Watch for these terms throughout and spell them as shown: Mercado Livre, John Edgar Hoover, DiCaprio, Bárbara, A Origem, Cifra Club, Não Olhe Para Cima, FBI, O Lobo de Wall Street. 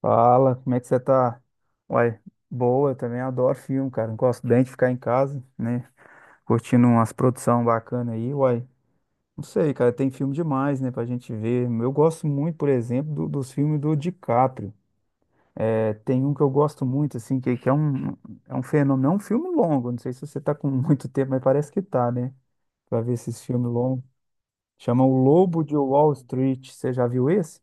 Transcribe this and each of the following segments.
Fala, como é que você tá? Uai, boa, também adoro filme, cara. Não Gosto bem de ficar em casa, né? Curtindo umas produções bacanas aí, uai. Não sei, cara, tem filme demais, né, pra gente ver. Eu gosto muito, por exemplo, dos filmes do DiCaprio. É, tem um que eu gosto muito, assim, que é um fenômeno, é um filme longo. Não sei se você tá com muito tempo, mas parece que tá, né? Pra ver esses filmes longos. Chama O Lobo de Wall Street. Você já viu esse?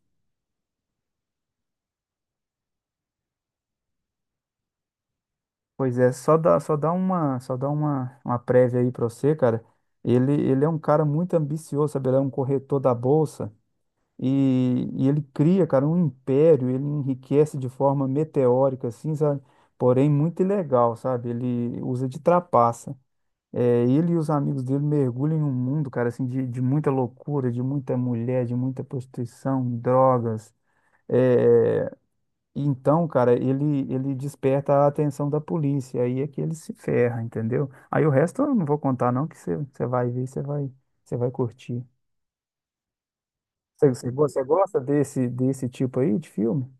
Pois é, uma prévia aí pra você, cara. Ele é um cara muito ambicioso, sabe? Ele é um corretor da bolsa e ele cria, cara, um império. Ele enriquece de forma meteórica, assim, sabe? Porém, muito ilegal, sabe? Ele usa de trapaça. É, ele e os amigos dele mergulham em um mundo, cara, assim, de muita loucura, de muita mulher, de muita prostituição, drogas. É, então, cara, ele desperta a atenção da polícia, aí é que ele se ferra, entendeu? Aí o resto eu não vou contar não, que você vai ver, você vai curtir. Você, você gosta desse, desse tipo aí de filme?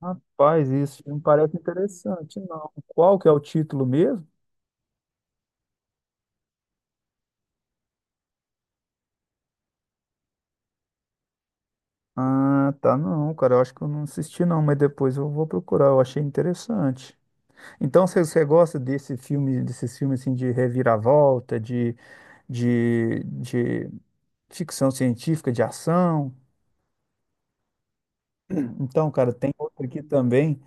Rapaz, isso não parece interessante, não. Qual que é o título mesmo? Ah, tá, não, cara, eu acho que eu não assisti não, mas depois eu vou procurar, eu achei interessante. Então, você, você gosta desse filme, desses filmes assim de reviravolta, de ficção científica, de ação. Então, cara, tem outro aqui também,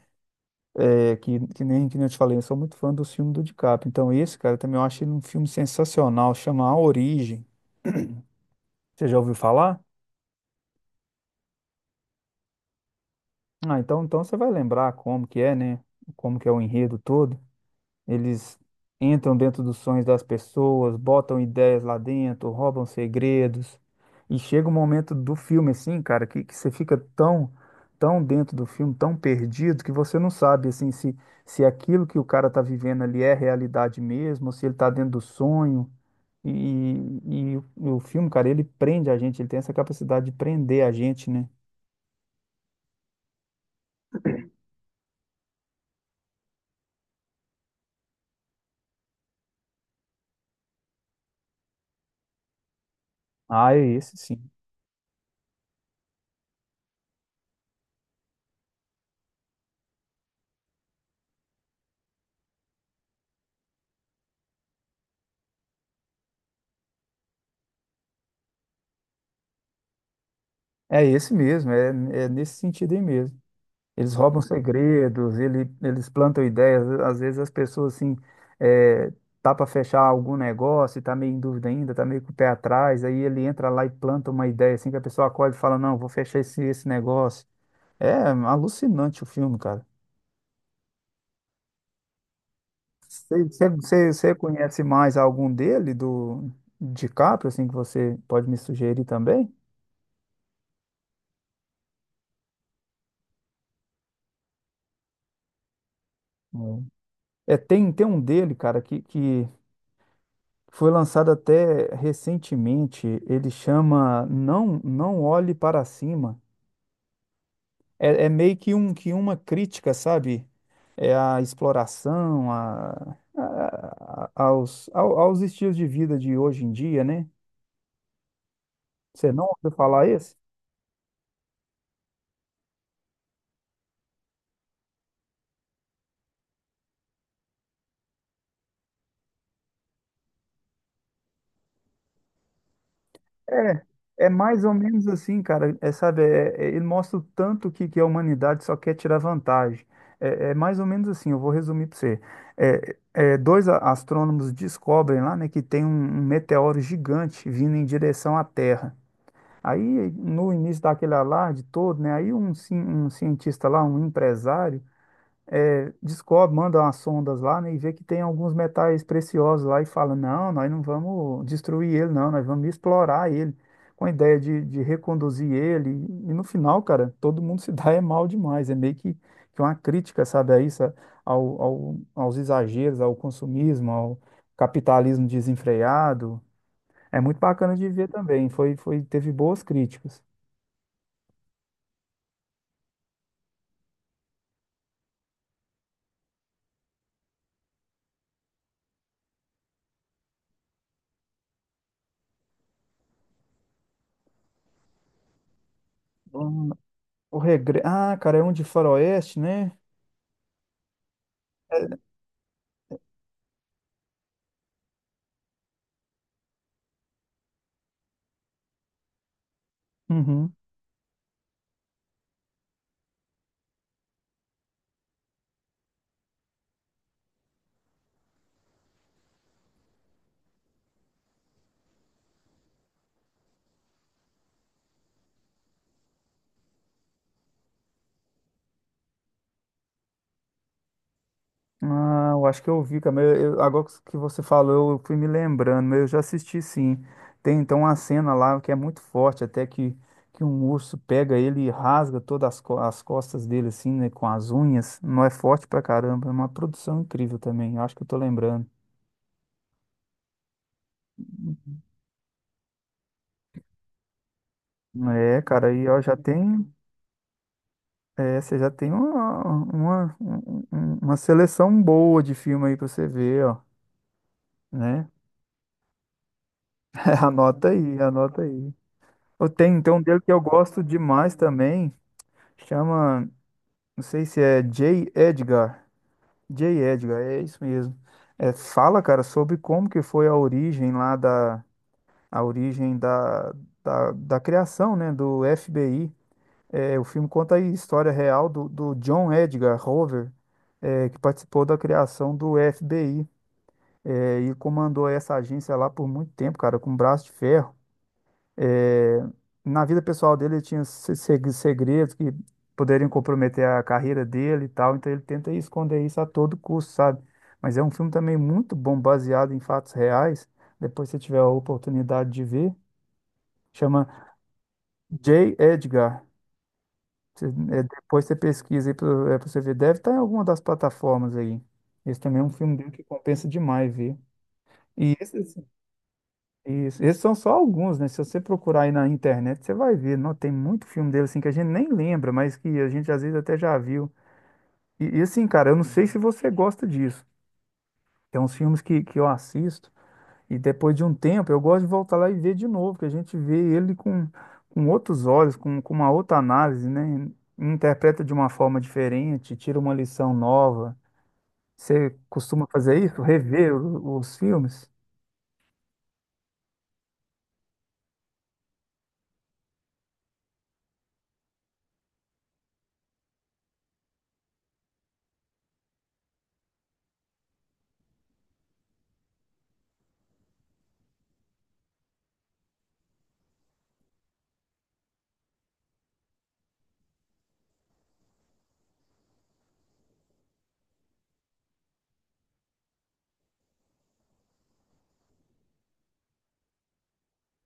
é, que nem eu te falei, eu sou muito fã do filme do DiCaprio. Então, esse, cara, também eu acho ele um filme sensacional, chama A Origem. Você já ouviu falar? Ah, então, então você vai lembrar como que é, né? Como que é o enredo todo. Eles entram dentro dos sonhos das pessoas, botam ideias lá dentro, roubam segredos. E chega um momento do filme, assim, cara, que você fica tão dentro do filme, tão perdido, que você não sabe, assim, se aquilo que o cara tá vivendo ali é realidade mesmo, ou se ele tá dentro do sonho. E o filme, cara, ele prende a gente, ele tem essa capacidade de prender a gente, né? Ah, é esse sim. É esse mesmo, é, é nesse sentido aí mesmo. Eles roubam segredos, eles plantam ideias. Às vezes as pessoas, assim, é, tá para fechar algum negócio, e tá meio em dúvida ainda, tá meio com o pé atrás. Aí ele entra lá e planta uma ideia, assim, que a pessoa acorda e fala: não, vou fechar esse negócio. É alucinante o filme, cara. Você conhece mais algum dele, do DiCaprio, assim, que você pode me sugerir também? Hum. É, tem um dele, cara, que foi lançado até recentemente, ele chama Não Não Olhe Para Cima. É, é meio que, um, que uma crítica, sabe? É a exploração, aos, aos estilos de vida de hoje em dia, né? Você não ouviu falar esse? É, é mais ou menos assim, cara. É, sabe, ele mostra o tanto que a humanidade só quer tirar vantagem. É, é mais ou menos assim, eu vou resumir para você. É, é, dois astrônomos descobrem lá, né, que tem um, um meteoro gigante vindo em direção à Terra. Aí, no início daquele alarde todo, né, aí um cientista lá, um empresário, é, descobre, manda umas sondas lá, né, e vê que tem alguns metais preciosos lá e fala, não, nós não vamos destruir ele, não, nós vamos explorar ele, com a ideia de reconduzir ele. E no final, cara, todo mundo se dá é mal demais, é meio que uma crítica, sabe, a isso, aos exageros, ao consumismo, ao capitalismo desenfreado. É muito bacana de ver também, foi, teve boas críticas. Hum, O regre... Ah, cara, é um de faroeste, né? Uhum. Ah, eu acho que eu vi, cara. Agora que você falou, eu fui me lembrando, mas eu já assisti sim. Tem então uma cena lá que é muito forte, que um urso pega ele e rasga todas as, as costas dele, assim, né, com as unhas. Não é forte pra caramba, é uma produção incrível também. Eu acho que eu tô lembrando. É, cara, aí ó, já tem. É, você já tem uma seleção boa de filme aí pra você ver, ó, né? Anota aí, anota aí. Eu tenho então um dele que eu gosto demais também. Chama, não sei se é J. Edgar. J. Edgar, é isso mesmo. É, fala, cara, sobre como que foi a origem lá da, a origem da, da criação, né, do FBI. É, o filme conta a história real do, do John Edgar Hoover, é, que participou da criação do FBI, é, e comandou essa agência lá por muito tempo, cara, com braço de ferro. É, na vida pessoal dele, ele tinha segredos que poderiam comprometer a carreira dele e tal, então ele tenta esconder isso a todo custo, sabe? Mas é um filme também muito bom, baseado em fatos reais. Depois, se tiver a oportunidade de ver, chama J. Edgar. É, depois você pesquisa aí pra, é, pra você ver. Deve estar em alguma das plataformas aí. Esse também é um filme dele que compensa demais ver. E esses. Isso. Esses são só alguns, né? Se você procurar aí na internet, você vai ver. Não, tem muito filme dele assim que a gente nem lembra, mas que a gente às vezes até já viu. E, assim, cara, eu não sei se você gosta disso. Tem uns filmes que eu assisto e depois de um tempo eu gosto de voltar lá e ver de novo, que a gente vê ele com outros olhos, com uma outra análise, né? Interpreta de uma forma diferente, tira uma lição nova. Você costuma fazer isso? Rever os filmes?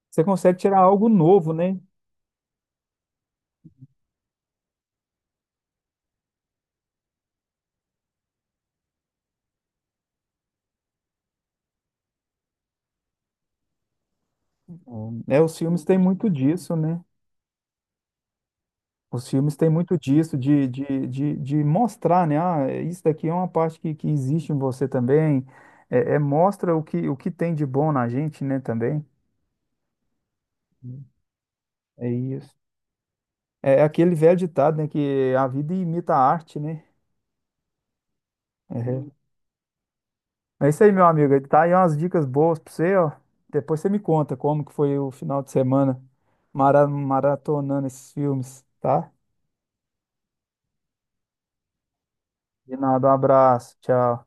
Você consegue tirar algo novo, né? É, os filmes têm muito disso, né? Os filmes têm muito disso, de mostrar, né? Ah, é, isso daqui é uma parte que existe em você também. É, é, mostra o que tem de bom na gente, né, também. É isso. É é aquele velho ditado, né? Que a vida imita a arte, né? Uhum. É isso aí, meu amigo. Tá aí umas dicas boas pra você, ó. Depois você me conta como que foi o final de semana maratonando esses filmes, tá? De nada, um abraço. Tchau.